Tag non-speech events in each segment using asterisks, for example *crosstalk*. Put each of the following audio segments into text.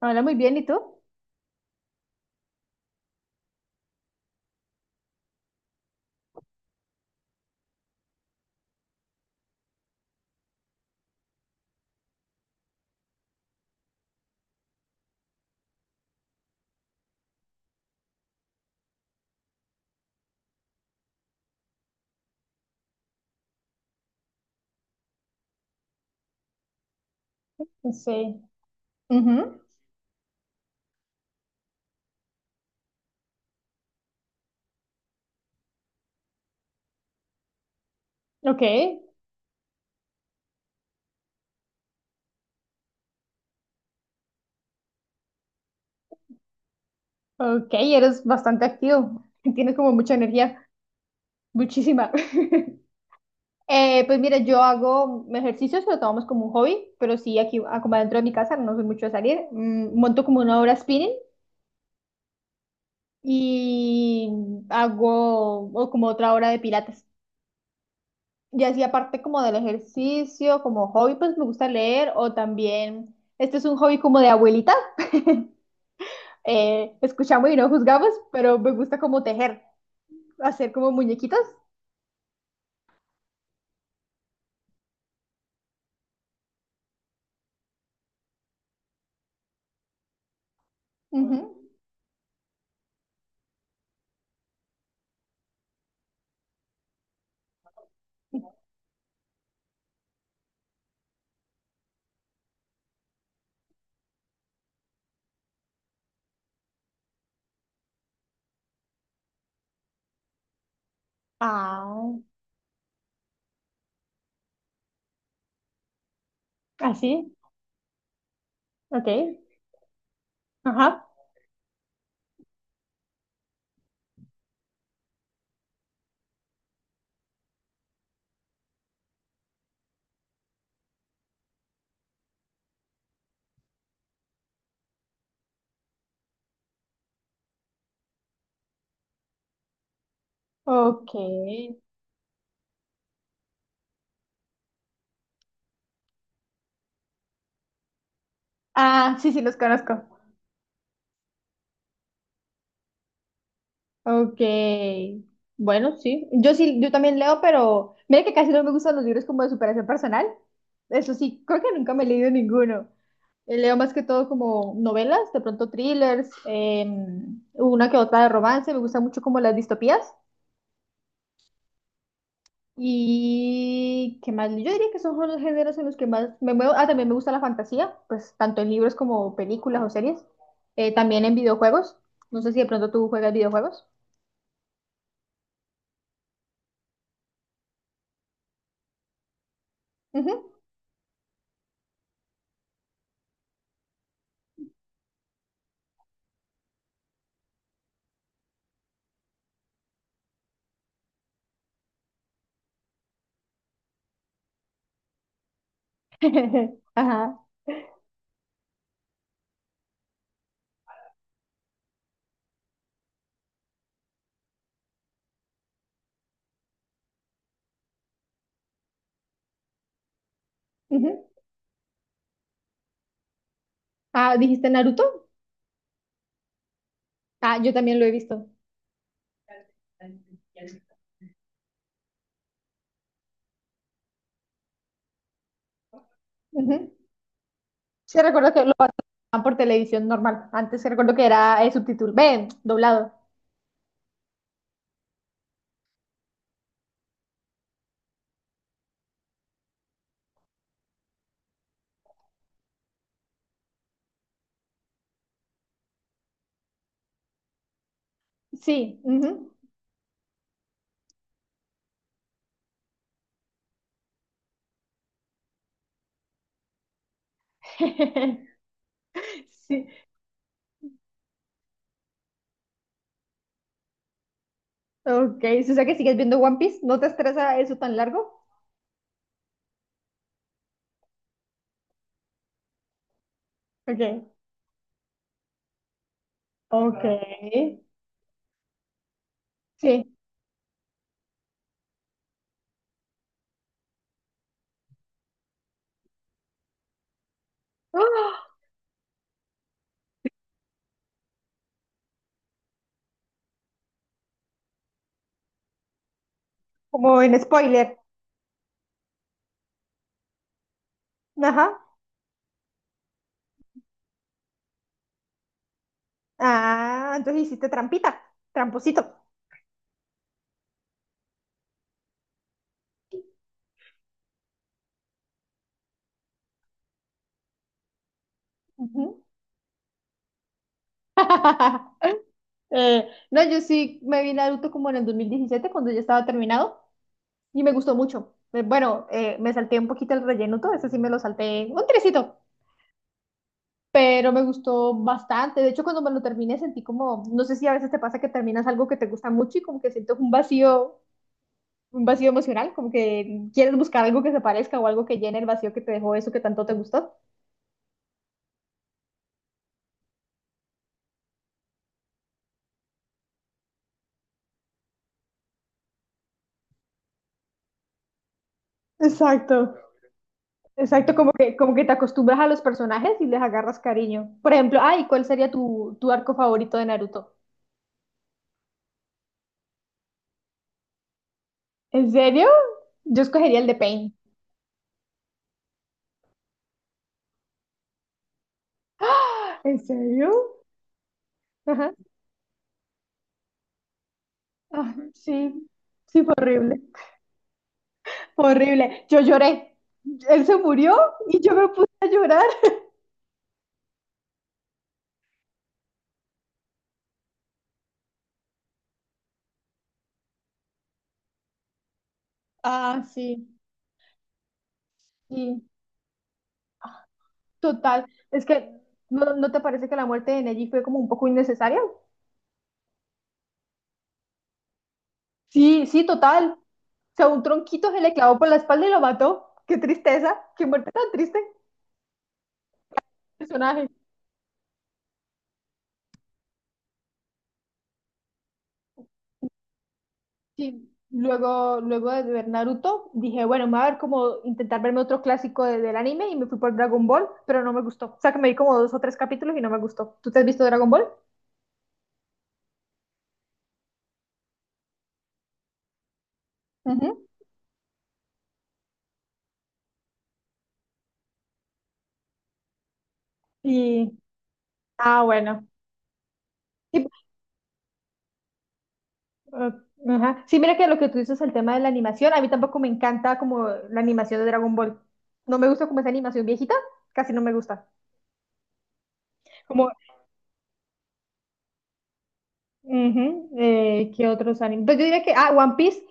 Hola, muy bien, ¿y tú? Sí. Ujú. Ok, ok, eres bastante activo, *laughs* tienes como mucha energía, muchísima. *laughs* Pues mira, yo hago ejercicios, lo tomamos como un hobby, pero sí, aquí, como adentro de mi casa, no soy mucho de salir, monto como una hora spinning y hago o como otra hora de pilates. Y así aparte como del ejercicio, como hobby, pues me gusta leer o también, este es un hobby como de abuelita, escuchamos y no juzgamos, pero me gusta como tejer, hacer como muñequitos. Ujú. Ah, así, ok. Ajá, ok. Ah, sí, sí, los conozco. Ok. Bueno, sí, yo sí, yo también leo, pero mira que casi no me gustan los libros como de superación personal. Eso sí, creo que nunca me he leído ninguno. Leo más que todo como novelas, de pronto thrillers, una que otra de romance. Me gustan mucho como las distopías. Y qué más, yo diría que esos son los géneros en los que más me muevo. Ah, también me gusta la fantasía, pues tanto en libros como películas o series. También en videojuegos. No sé si de pronto tú juegas videojuegos. Ujú. *laughs* Ajá. Ujú. Ah, ¿dijiste Naruto? Ah, yo también lo he visto. Ujú. Sí, recuerdo que lo pasaban por televisión normal. Antes sí recuerdo que era subtítulo, ven, doblado. Sí. Ujú. *laughs* Sí. Ok, si o sea que sigues viendo One Piece, ¿no te estresa eso tan largo? Ok, ok, sí. ¡Ah! Como en spoiler. Ajá. Ah, entonces hiciste trampita, tramposito. Ujú. *laughs* No, yo sí me vi Naruto como en el 2017 cuando ya estaba terminado, y me gustó mucho. Bueno, me salté un poquito el relleno, todo eso sí me lo salté un trecito, pero me gustó bastante. De hecho, cuando me lo terminé sentí como, no sé si a veces te pasa que terminas algo que te gusta mucho y como que sientes un vacío emocional, como que quieres buscar algo que se parezca o algo que llene el vacío que te dejó eso que tanto te gustó. Exacto. Exacto, como que te acostumbras a los personajes y les agarras cariño. Por ejemplo, ay, ¿cuál sería tu arco favorito de Naruto? ¿En serio? Yo escogería el de Pain. ¿En serio? Ajá. Ah, sí, sí, fue horrible. Fue horrible. Yo lloré. Él se murió y yo me puse a llorar. Ah, sí. Sí. Total, es que ¿no te parece que la muerte de Neji fue como un poco innecesaria? Sí, sí, total. O sea, un tronquito se le clavó por la espalda y lo mató. Qué tristeza, qué muerte tan triste, personaje. Sí, luego de ver Naruto, dije, bueno, me voy a ver como intentar verme otro clásico del anime y me fui por Dragon Ball, pero no me gustó. O sea, que me vi como dos o tres capítulos y no me gustó. ¿Tú te has visto Dragon Ball? Ujú. Y, ah, bueno. Y ah, ajá. Sí, mira que lo que tú dices, el tema de la animación, a mí tampoco me encanta como la animación de Dragon Ball. No me gusta como esa animación viejita, casi no me gusta. Como, ujú, ¿qué otros animes? Pues yo diría que, ah, One Piece.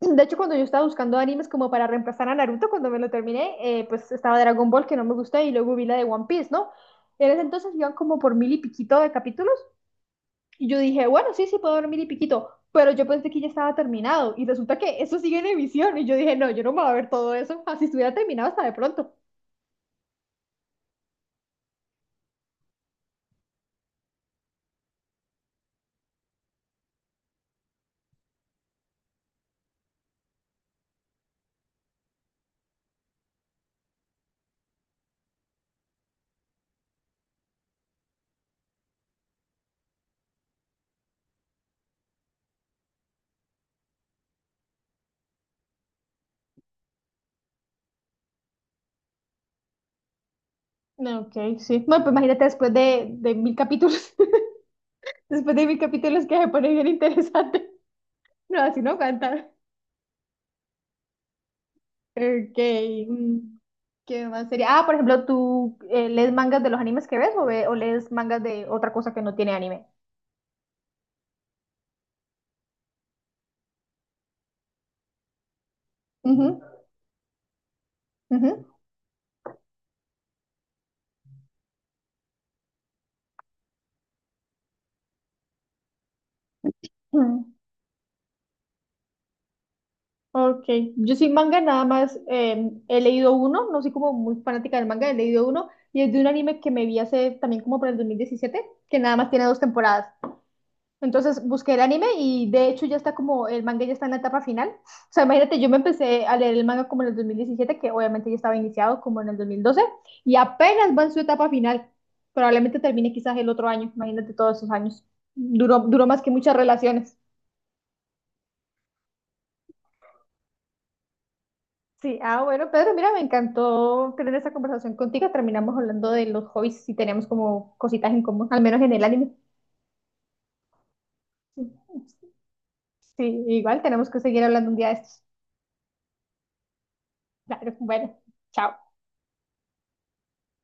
De hecho, cuando yo estaba buscando animes como para reemplazar a Naruto, cuando me lo terminé, pues estaba Dragon Ball que no me gusta y luego vi la de One Piece, ¿no? En ese entonces iban como por mil y piquito de capítulos. Y yo dije, bueno, sí, sí, puedo dormir y piquito, pero yo pensé que ya estaba terminado y resulta que eso sigue en emisión y yo dije, no, yo no me voy a ver todo eso, así estuviera terminado hasta de pronto. No, ok, sí. Bueno, pues imagínate después de mil capítulos, *laughs* después de mil capítulos que se pone bien interesante. *laughs* No, así no canta. Ok. mm, ¿Qué más sería? Ah, por ejemplo, ¿tú lees mangas de los animes que ves o, o lees mangas de otra cosa que no tiene anime? Ujú, ujú. Ok, yo sí manga nada más he leído uno, no soy como muy fanática del manga, he leído uno y es de un anime que me vi hace también como por el 2017, que nada más tiene dos temporadas. Entonces busqué el anime y de hecho ya está como el manga ya está en la etapa final. O sea, imagínate, yo me empecé a leer el manga como en el 2017, que obviamente ya estaba iniciado como en el 2012 y apenas va en su etapa final. Probablemente termine quizás el otro año, imagínate todos esos años. Duró más que muchas relaciones. Sí, ah, bueno, Pedro, mira, me encantó tener esa conversación contigo. Terminamos hablando de los hobbies y teníamos como cositas en común, al menos en el anime. Sí, igual tenemos que seguir hablando un día de estos. Claro, bueno, chao.